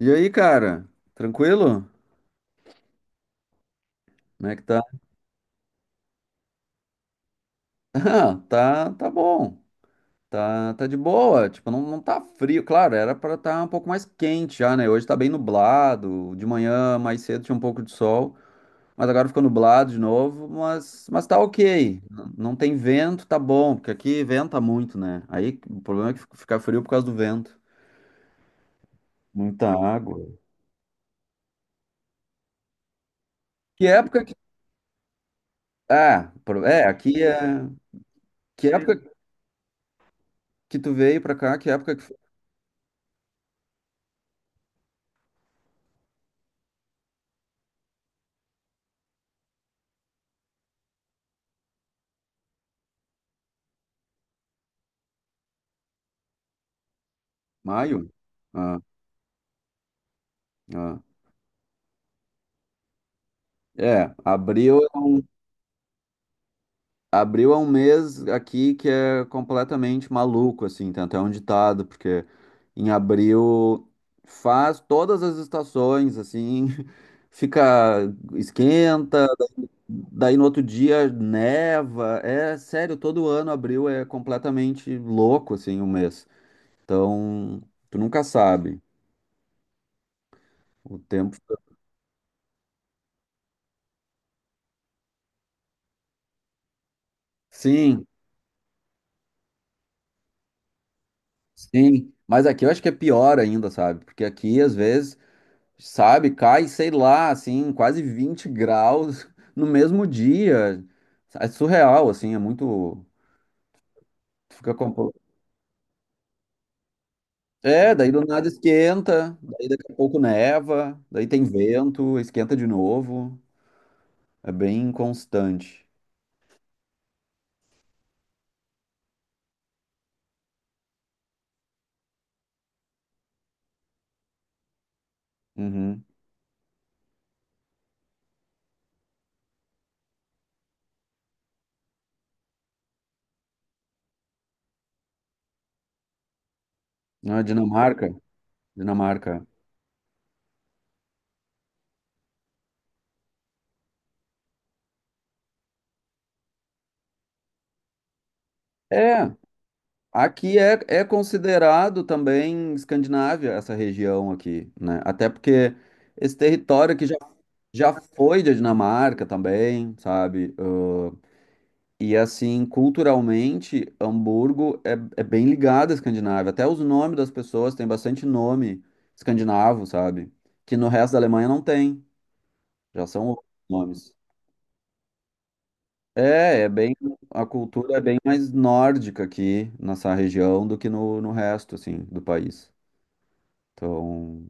E aí, cara? Tranquilo? Como é que tá? Ah, tá, tá bom. Tá, tá de boa. Tipo, não, não tá frio. Claro, era pra estar um pouco mais quente já, né? Hoje tá bem nublado. De manhã, mais cedo, tinha um pouco de sol. Mas agora ficou nublado de novo. Mas tá ok. Não tem vento, tá bom. Porque aqui venta muito, né? Aí o problema é que fica frio por causa do vento. Muita água. Que época que. Ah, é, aqui é. Que época que tu veio pra cá? Que época que foi? Maio? Ah. Ah. É, abril é um mês aqui que é completamente maluco, assim, tem até um ditado, porque em abril faz todas as estações, assim, fica, esquenta, daí no outro dia neva, é sério, todo ano abril é completamente louco, assim, o mês. Então, tu nunca sabe, o tempo. Sim, sim, mas aqui eu acho que é pior ainda, sabe, porque aqui às vezes sabe? Cai, sei lá, assim, quase 20 graus no mesmo dia. É surreal, assim, é muito. tu Fica compl- É, daí do nada esquenta, daí daqui a pouco neva, daí tem vento, esquenta de novo. É bem constante. Uhum. Na Dinamarca, Dinamarca. É, aqui é, considerado também Escandinávia essa região aqui, né? Até porque esse território aqui já foi da Dinamarca também, sabe? E assim, culturalmente, Hamburgo é bem ligado à Escandinávia. Até os nomes das pessoas têm bastante nome escandinavo, sabe? Que no resto da Alemanha não tem. Já são outros nomes. É, é bem. A cultura é bem mais nórdica aqui nessa região do que no, resto, assim, do país. Então,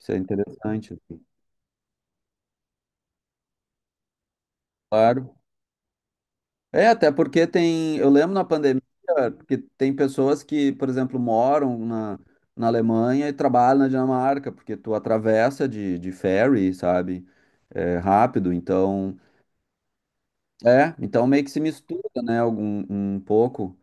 isso é interessante, assim. Claro. É, até porque tem. Eu lembro na pandemia que tem pessoas que, por exemplo, moram na, Alemanha e trabalham na Dinamarca, porque tu atravessa de ferry, sabe? É, rápido. Então, é, então meio que se mistura, né? Algum, um pouco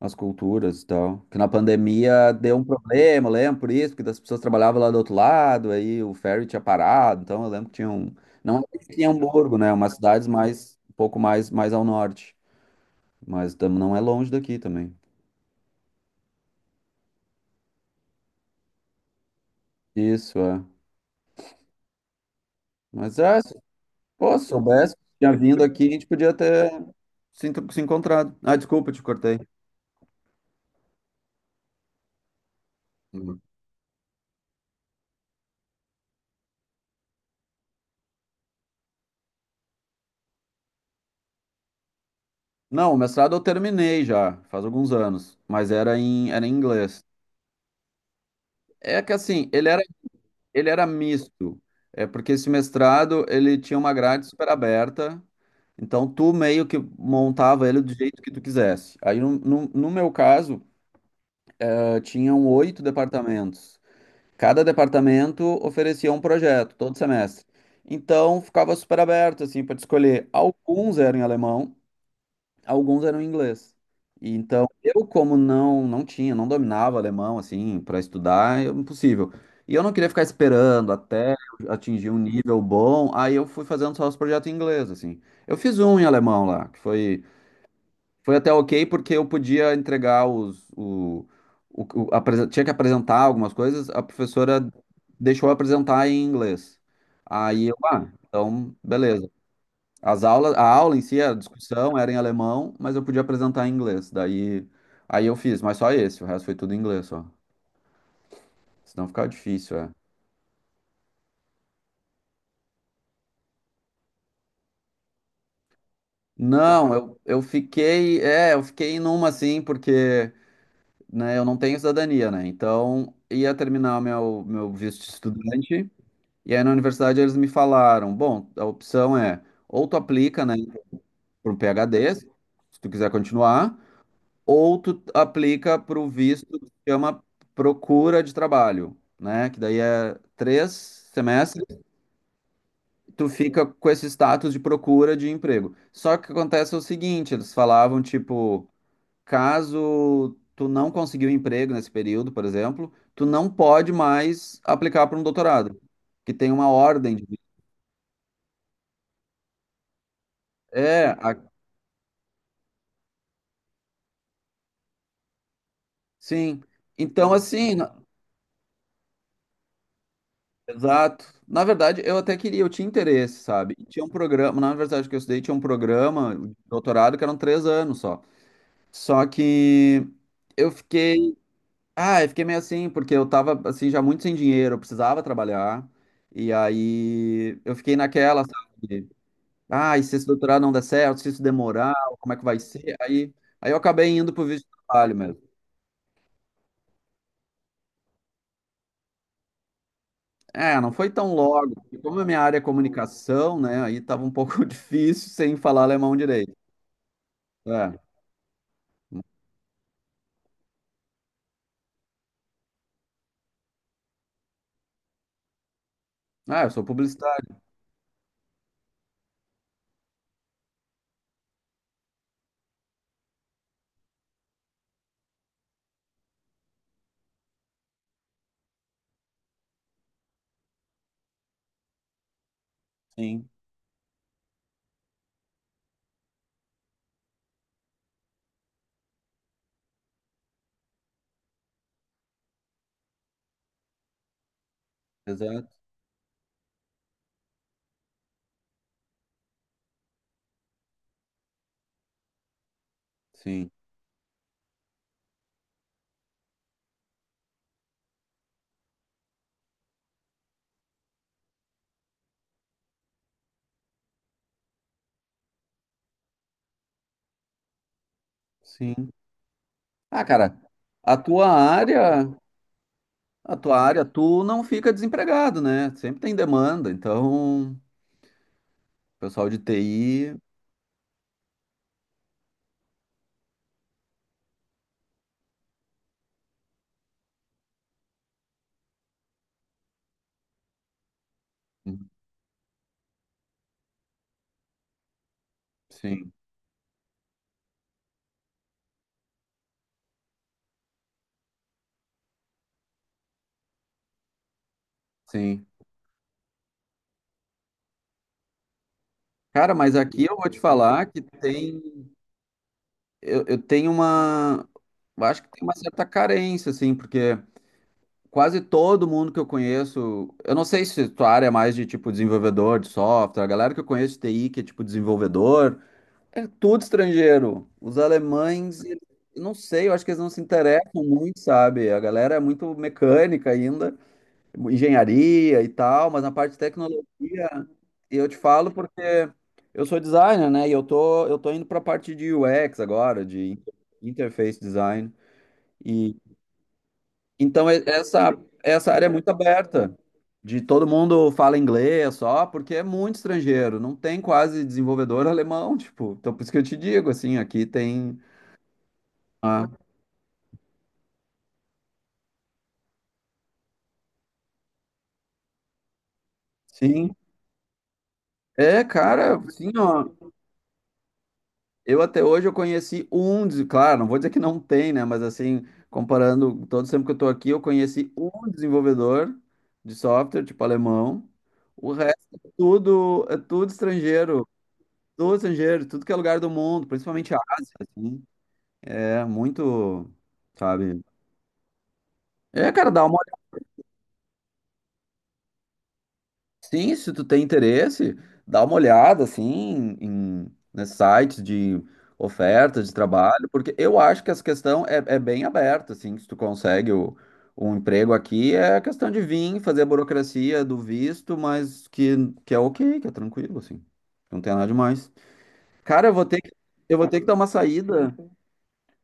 as culturas e tal. Que na pandemia deu um problema, eu lembro por isso, porque das pessoas trabalhavam lá do outro lado, aí o ferry tinha parado. Então eu lembro que tinha um. Não é que tinha Hamburgo, né? é umas cidades mais, um pouco mais, mais ao norte. Mas não é longe daqui também. Isso, é. Mas, ah, se, pô, se soubesse, tinha vindo aqui, a gente podia ter se encontrado. Ah, desculpa, te cortei. Uhum. Não, o mestrado eu terminei já, faz alguns anos, mas era em inglês. É que assim, ele era misto. É porque esse mestrado, ele tinha uma grade super aberta, então tu meio que montava ele do jeito que tu quisesse. Aí, no meu caso, tinham oito departamentos. Cada departamento oferecia um projeto todo semestre. Então ficava super aberto assim para escolher. Alguns eram em alemão, alguns eram em inglês. E então eu como não tinha, não dominava alemão assim para estudar, é impossível. E eu não queria ficar esperando até eu atingir um nível bom. Aí eu fui fazendo só os projetos em inglês assim. Eu fiz um em alemão lá, que foi até ok porque eu podia entregar os, o, o- apresen- tinha que apresentar algumas coisas, a professora deixou eu apresentar em inglês. Aí eu, então, beleza. As aulas, a aula em si, a discussão era em alemão, mas eu podia apresentar em inglês. Daí, aí eu fiz, mas só esse, o resto foi tudo em inglês, só. Senão ficava difícil, é. Não, eu fiquei numa assim, porque, né, eu não tenho cidadania, né? Então, ia terminar o meu visto de estudante. E aí na universidade eles me falaram, bom, a opção é ou tu aplica, né, para um PhD, se tu quiser continuar, ou tu aplica para o visto que chama procura de trabalho, né? Que daí é 3 semestres, tu fica com esse status de procura de emprego. Só que o que acontece é o seguinte, eles falavam, tipo, caso tu não conseguiu emprego nesse período, por exemplo, tu não pode mais aplicar para um doutorado, que tem uma ordem de. É, sim. Então, assim, exato. Na verdade, eu até queria, eu tinha interesse, sabe? E tinha um programa, na universidade que eu estudei, tinha um programa de doutorado que eram 3 anos só. Só que eu fiquei, eu fiquei meio assim, porque eu tava, assim, já muito sem dinheiro, eu precisava trabalhar. E aí eu fiquei naquela, sabe? Ah, e se esse doutorado não der certo, se isso demorar, como é que vai ser? Aí eu acabei indo pro visto de trabalho. É, não foi tão logo, porque como a minha área é comunicação, né? Aí tava um pouco difícil sem falar alemão direito. É. Ah, eu sou publicitário. Sim, exato. Sim, sim. Ah, cara, a tua área, a tua área, tu não fica desempregado, né? Sempre tem demanda. Então, pessoal de TI, sim, sim. Cara, mas aqui eu vou te falar que tem, eu tenho uma, eu acho que tem uma certa carência, assim, porque quase todo mundo que eu conheço, eu não sei se tua área é mais de tipo desenvolvedor de software, a galera que eu conheço de TI, que é tipo desenvolvedor, é tudo estrangeiro. Os alemães, eu não sei, eu acho que eles não se interessam muito, sabe? A galera é muito mecânica ainda, engenharia e tal, mas na parte de tecnologia, eu te falo porque eu sou designer, né? E eu tô indo pra parte de UX agora, de interface design. Então, essa área é muito aberta, de todo mundo fala inglês só, porque é muito estrangeiro, não tem quase desenvolvedor alemão, tipo, então por isso que eu te digo, assim, aqui tem, ah, sim, é, cara, assim, ó, eu até hoje eu conheci um, claro, não vou dizer que não tem, né, mas assim, comparando todo o tempo que eu tô aqui, eu conheci um desenvolvedor de software, tipo, alemão, o resto é tudo estrangeiro, do estrangeiro, tudo que é lugar do mundo, principalmente a Ásia, assim, é muito, sabe? É, cara, dá uma olhada, sim, se tu tem interesse, dá uma olhada, assim, em, nesses sites de ofertas de trabalho, porque eu acho que essa questão é bem aberta, assim, se tu consegue o, um emprego aqui, é a questão de vir, fazer a burocracia do visto, mas que é ok, que é tranquilo, assim, não tem nada demais. Cara, eu vou ter que, dar uma saída.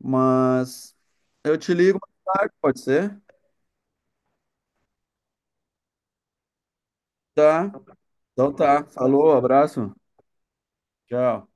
Mas eu te ligo mais tarde, pode ser? Tá. Então tá. Falou, abraço. Tchau.